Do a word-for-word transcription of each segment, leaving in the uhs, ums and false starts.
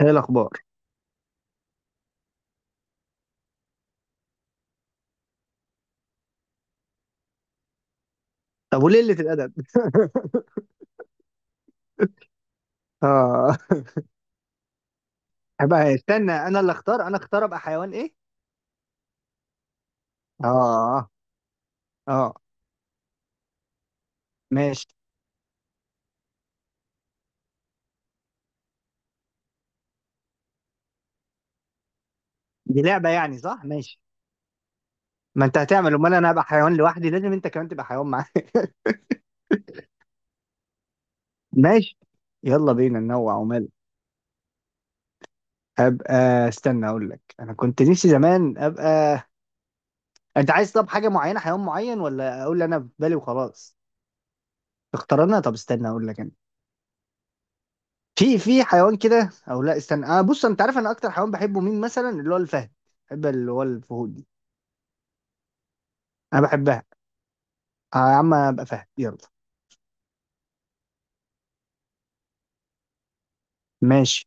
هي الأخبار. طب وليلة الأدب؟ اه. بقى استنى، أنا اللي أختار، أنا أختار أبقى حيوان إيه؟ اه، اه، ماشي. دي لعبة يعني، صح؟ ماشي. ما أنت هتعمل؟ أمال أنا هبقى حيوان لوحدي؟ لازم أنت كمان تبقى حيوان معايا. ماشي، يلا بينا ننوع ومال. أبقى، استنى أقول لك، أنا كنت نفسي زمان أبقى. أنت عايز طب حاجة معينة، حيوان معين، ولا أقول اللي أنا في بالي وخلاص؟ اختار أنا، طب استنى أقول لك، أنا في في حيوان كده او لا، استنى انا، بص انت عارف، انا اكتر حيوان بحبه مين مثلا؟ اللي هو الفهد، بحب اللي هو الفهود دي، انا بحبها. آه يا عم، ابقى فهد، يلا. ماشي،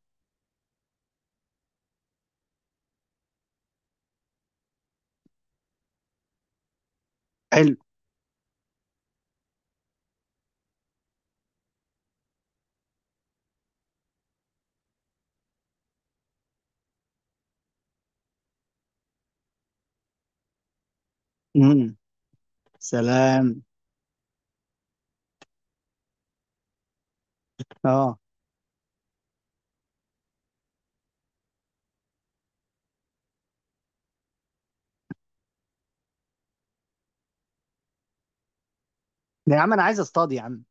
حلو. امم. سلام. اه، ده يا عم انا عايز اصطاد يا عم.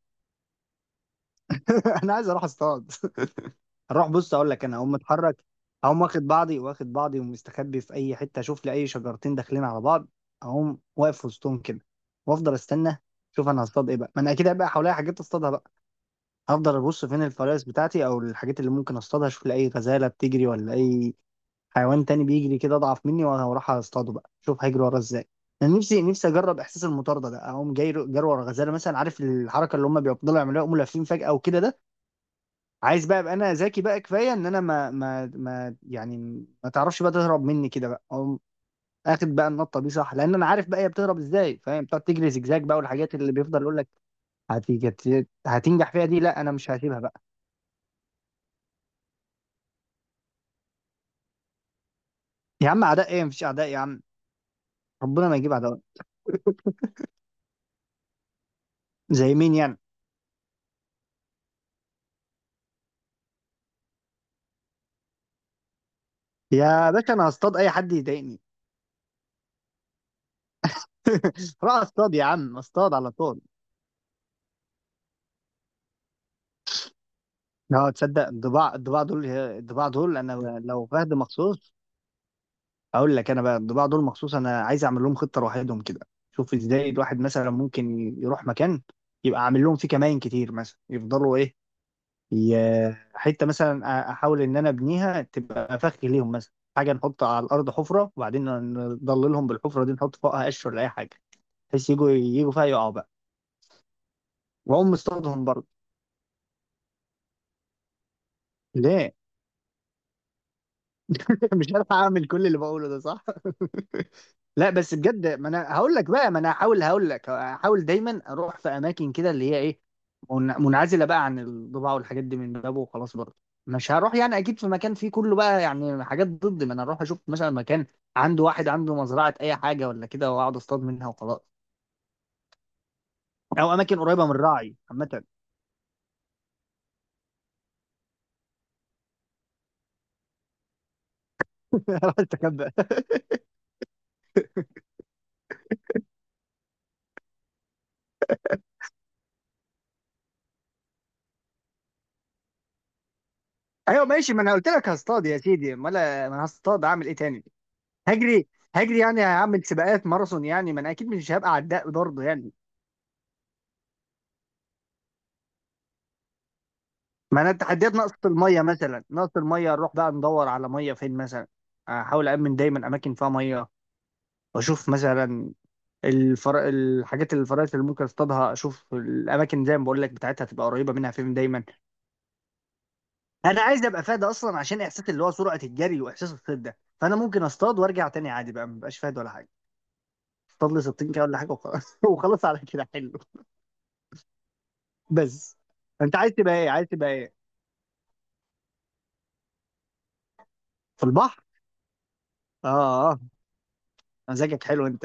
انا عايز اروح اصطاد. اروح، بص اقول لك، انا اقوم اتحرك، اقوم واخد بعضي واخد بعضي ومستخبي في اي حته، اشوف لي اي شجرتين داخلين على بعض، اقوم واقف وسطهم كده وافضل استنى. شوف انا هصطاد ايه بقى، ما انا اكيد هيبقى حواليا حاجات اصطادها بقى. هفضل ابص فين الفرائس بتاعتي او الحاجات اللي ممكن اصطادها، اشوف لأي غزالة بتجري ولا اي حيوان تاني بيجري كده اضعف مني، وانا هروح اصطاده بقى، شوف هيجري ورا ازاي. انا نفسي نفسي اجرب احساس المطارده ده، اقوم جاي جري ورا غزاله مثلا، عارف الحركه اللي هم بيفضلوا يعملوها، يقوموا لافين فجاه وكده ده، عايز بقى ابقى انا ذكي بقى كفايه ان انا ما ما ما يعني ما تعرفش بقى تهرب مني كده بقى، اقوم اخد بقى النطه دي، صح؟ لان انا عارف بقى هي بتهرب ازاي، فاهم؟ بتقعد تجري زجزاج بقى والحاجات اللي بيفضل يقول لك هتيجي هتنجح فيها دي. لا انا مش هسيبها بقى. يا عم، اعداء ايه؟ مفيش اعداء يا عم، ربنا ما يجيب اعداء. زي مين يعني؟ يا باشا انا هصطاد اي حد يضايقني. راح اصطاد يا عم، اصطاد على طول. اه تصدق، الضباع، الضباع دول الضباع دول انا، لو فهد مخصوص، اقول لك انا بقى، الضباع دول مخصوص انا عايز اعمل لهم خطه لوحدهم كده. شوف ازاي الواحد مثلا ممكن يروح مكان يبقى عامل لهم فيه كمائن كتير مثلا، يفضلوا ايه؟ ي- حته مثلا، أ- احاول ان انا ابنيها تبقى فخ ليهم مثلا، حاجه نحط على الارض حفره وبعدين نضللهم بالحفره دي، نحط فوقها قش ولا اي حاجه بحيث يجوا يجوا فيها يقعوا بقى، واقوم مصطادهم برضه. ليه؟ مش عارف اعمل كل اللي بقوله ده، صح؟ لا بس بجد، ما انا هقول لك بقى، ما انا هحاول، هقول لك، هحاول دايما اروح في اماكن كده اللي هي ايه، من- منعزله بقى عن الضباع والحاجات دي من بابه وخلاص برضه. مش هروح يعني اكيد في مكان فيه كله بقى، يعني حاجات ضد، ما انا اروح اشوف مثلا مكان عنده واحد، عنده مزرعه اي حاجه ولا كده، واقعد اصطاد منها وخلاص، او اماكن قريبه من الراعي عامه. أروح استخبى. ايوه ماشي، ما انا قلت لك هصطاد يا سيدي، امال ما انا هصطاد اعمل ايه تاني؟ هجري. هجري يعني هعمل سباقات ماراثون يعني، ما انا اكيد مش هبقى عداء برضه يعني. ما انا التحديات نقص الميه مثلا، نقص الميه نروح بقى ندور على ميه فين مثلا، احاول امن دايما اماكن فيها ميه، واشوف مثلا الفر... الحاجات اللي الفرائس اللي ممكن اصطادها، اشوف الاماكن زي ما بقول لك بتاعتها تبقى قريبه منها فين دايما. انا عايز ابقى فاد اصلا عشان احساس اللي هو سرعه الجري واحساس الصيد ده، فانا ممكن اصطاد وارجع تاني عادي بقى، مبقاش فاد ولا حاجه، اصطاد لي ستين كده ولا حاجه وخلاص. وخلاص على كده، حلو. بس انت عايز تبقى ايه؟ عايز تبقى ايه؟ في البحر؟ اه، اه. مزاجك حلو انت.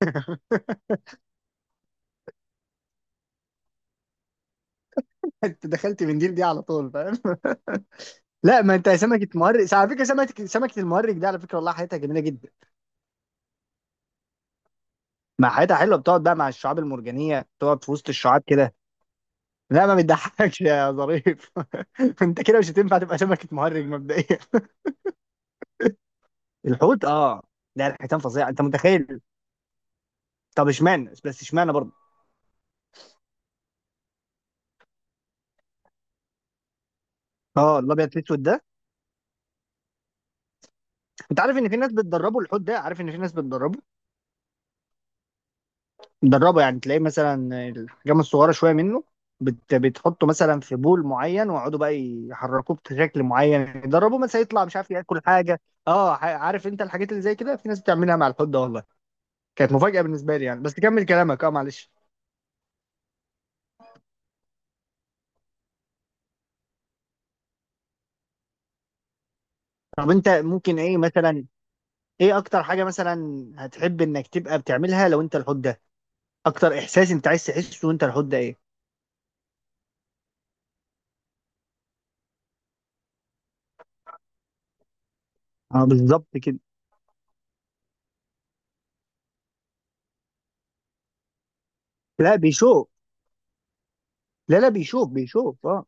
انت دخلت من ديل دي على طول، فاهم؟ لا، ما انت سمكه مهرج على فكره، سمكه سمكه المهرج دي على فكره والله حياتها جميله جدا، مع حياتها حلوه، بتقعد بقى مع الشعاب المرجانيه، تقعد في وسط الشعاب كده. لا ما بتضحكش يا ظريف. انت كده مش هتنفع تبقى سمكه مهرج مبدئيا. الحوت اه. لا الحيتان فظيعه، انت متخيل؟ طب اشمعنى؟ بس اشمعنى برضه؟ اه، الابيض في الاسود ده. انت عارف ان في ناس بتدربوا الحوت ده؟ عارف ان في ناس بتدربه؟ دربه، يعني تلاقيه مثلا، الحجام الصغيره شويه منه، بت... بتحطه مثلا في بول معين ويقعدوا بقى يحركوه بشكل معين، يدربوه مثلا يطلع مش عارف ياكل حاجه، اه. ح- عارف انت الحاجات اللي زي كده في ناس بتعملها مع الحوت ده والله، كانت مفاجاه بالنسبه لي يعني. بس كمل كلامك، اه، معلش. طب انت ممكن ايه مثلا؟ ايه اكتر حاجه مثلا هتحب انك تبقى بتعملها لو انت الحوت ده؟ اكتر احساس انت عايز تحسه وانت الحوت ده ايه؟ اه بالظبط كده. لا بيشوف. لا لا، بيشوف، بيشوف اه.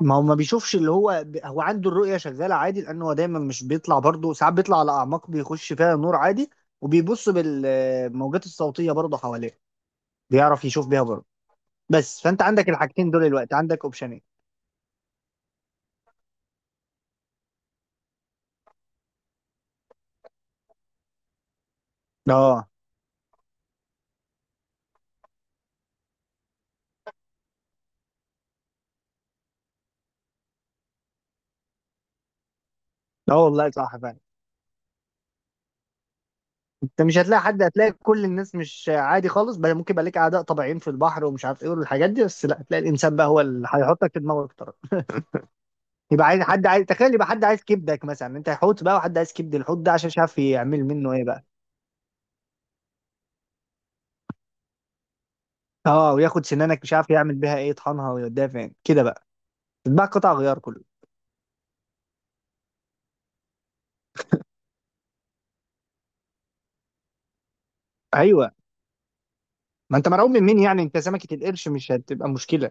ما هو ما بيشوفش، اللي هو ب- هو عنده الرؤية شغالة عادي، لأنه هو دايما مش بيطلع برضه، ساعات بيطلع على أعماق بيخش فيها نور عادي، وبيبص بالموجات الصوتية برضه حواليه، بيعرف يشوف بيها برضه. بس فأنت عندك الحاجتين دول الوقت، عندك أوبشنين. اه، اه والله صح فعلا. أنت مش هتلاقي حد، هتلاقي كل الناس مش عادي خالص، بل ممكن يبقى لك أعداء طبيعيين في البحر ومش عارف إيه والحاجات دي، بس لا، هتلاقي الإنسان بقى هو اللي هيحطك في دماغك طرف. يبقى عايز حد، عايز تخيل يبقى حد عايز كبدك مثلا، أنت حوت بقى وحد عايز كبد الحوت ده عشان مش عارف يعمل منه إيه بقى. اه، وياخد سنانك مش عارف يعمل بيها ايه، يطحنها ويوديها فين كده بقى، تتباع قطع غيار كله. ايوه، ما انت مرعوب من مين يعني؟ انت سمكه القرش مش هتبقى مشكله،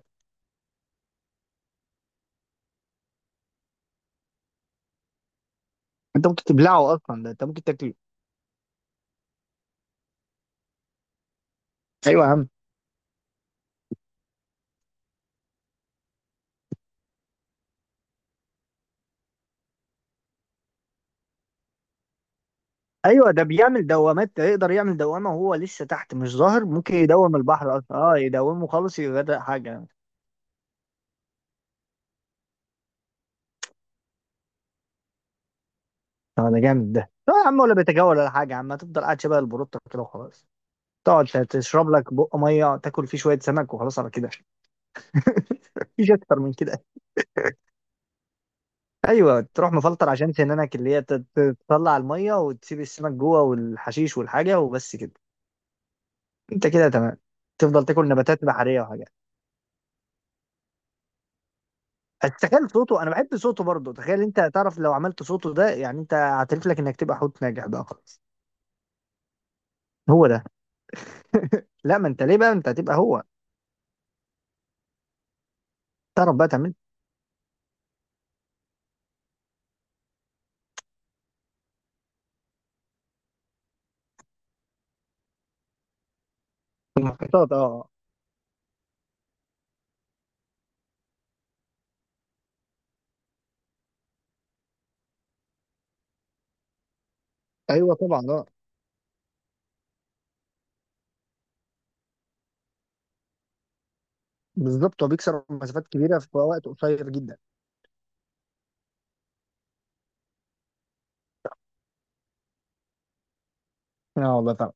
انت ممكن تبلعه اصلا، ده انت ممكن تاكله. ايوه يا عم. ايوه ده بيعمل دوامات، ده يقدر يعمل دوامه وهو لسه تحت مش ظاهر، ممكن يدوم البحر اصلا، اه يدومه خالص يغرق حاجه. اه ده جامد. ده لا يا عم، ولا بيتجول ولا حاجه يا عم، هتفضل قاعد شبه البروتة كده وخلاص، تقعد تشرب لك بق ميه، تاكل فيه شويه سمك وخلاص على كده. مفيش اكتر من كده. ايوه تروح مفلتر عشان سنانك اللي هي تت- تطلع الميه وتسيب السمك جوه والحشيش والحاجه وبس كده. انت كده تمام، تفضل تاكل نباتات بحريه وحاجات. بس تخيل صوته، انا بحب صوته برضه، تخيل انت، تعرف لو عملت صوته ده يعني انت هتعرف لك انك تبقى حوت ناجح بقى خلاص. هو ده؟ لا ما انت، ليه بقى انت هتبقى هو؟ تعرف بقى تعمل. في المحيطات، اه. ايوه طبعا اه. بالظبط، هو بيكسر مسافات كبيره في وقت قصير جدا. اه والله طبعا.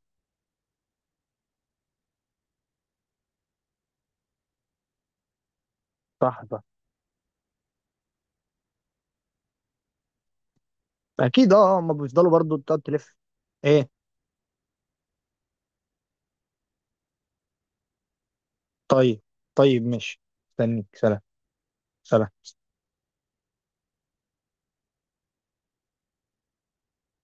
صح، صح. اكيد اه، هم بيفضلوا برضه تقعد تلف. ايه؟ طيب. طيب ماشي. استنيك، سلام. سلام.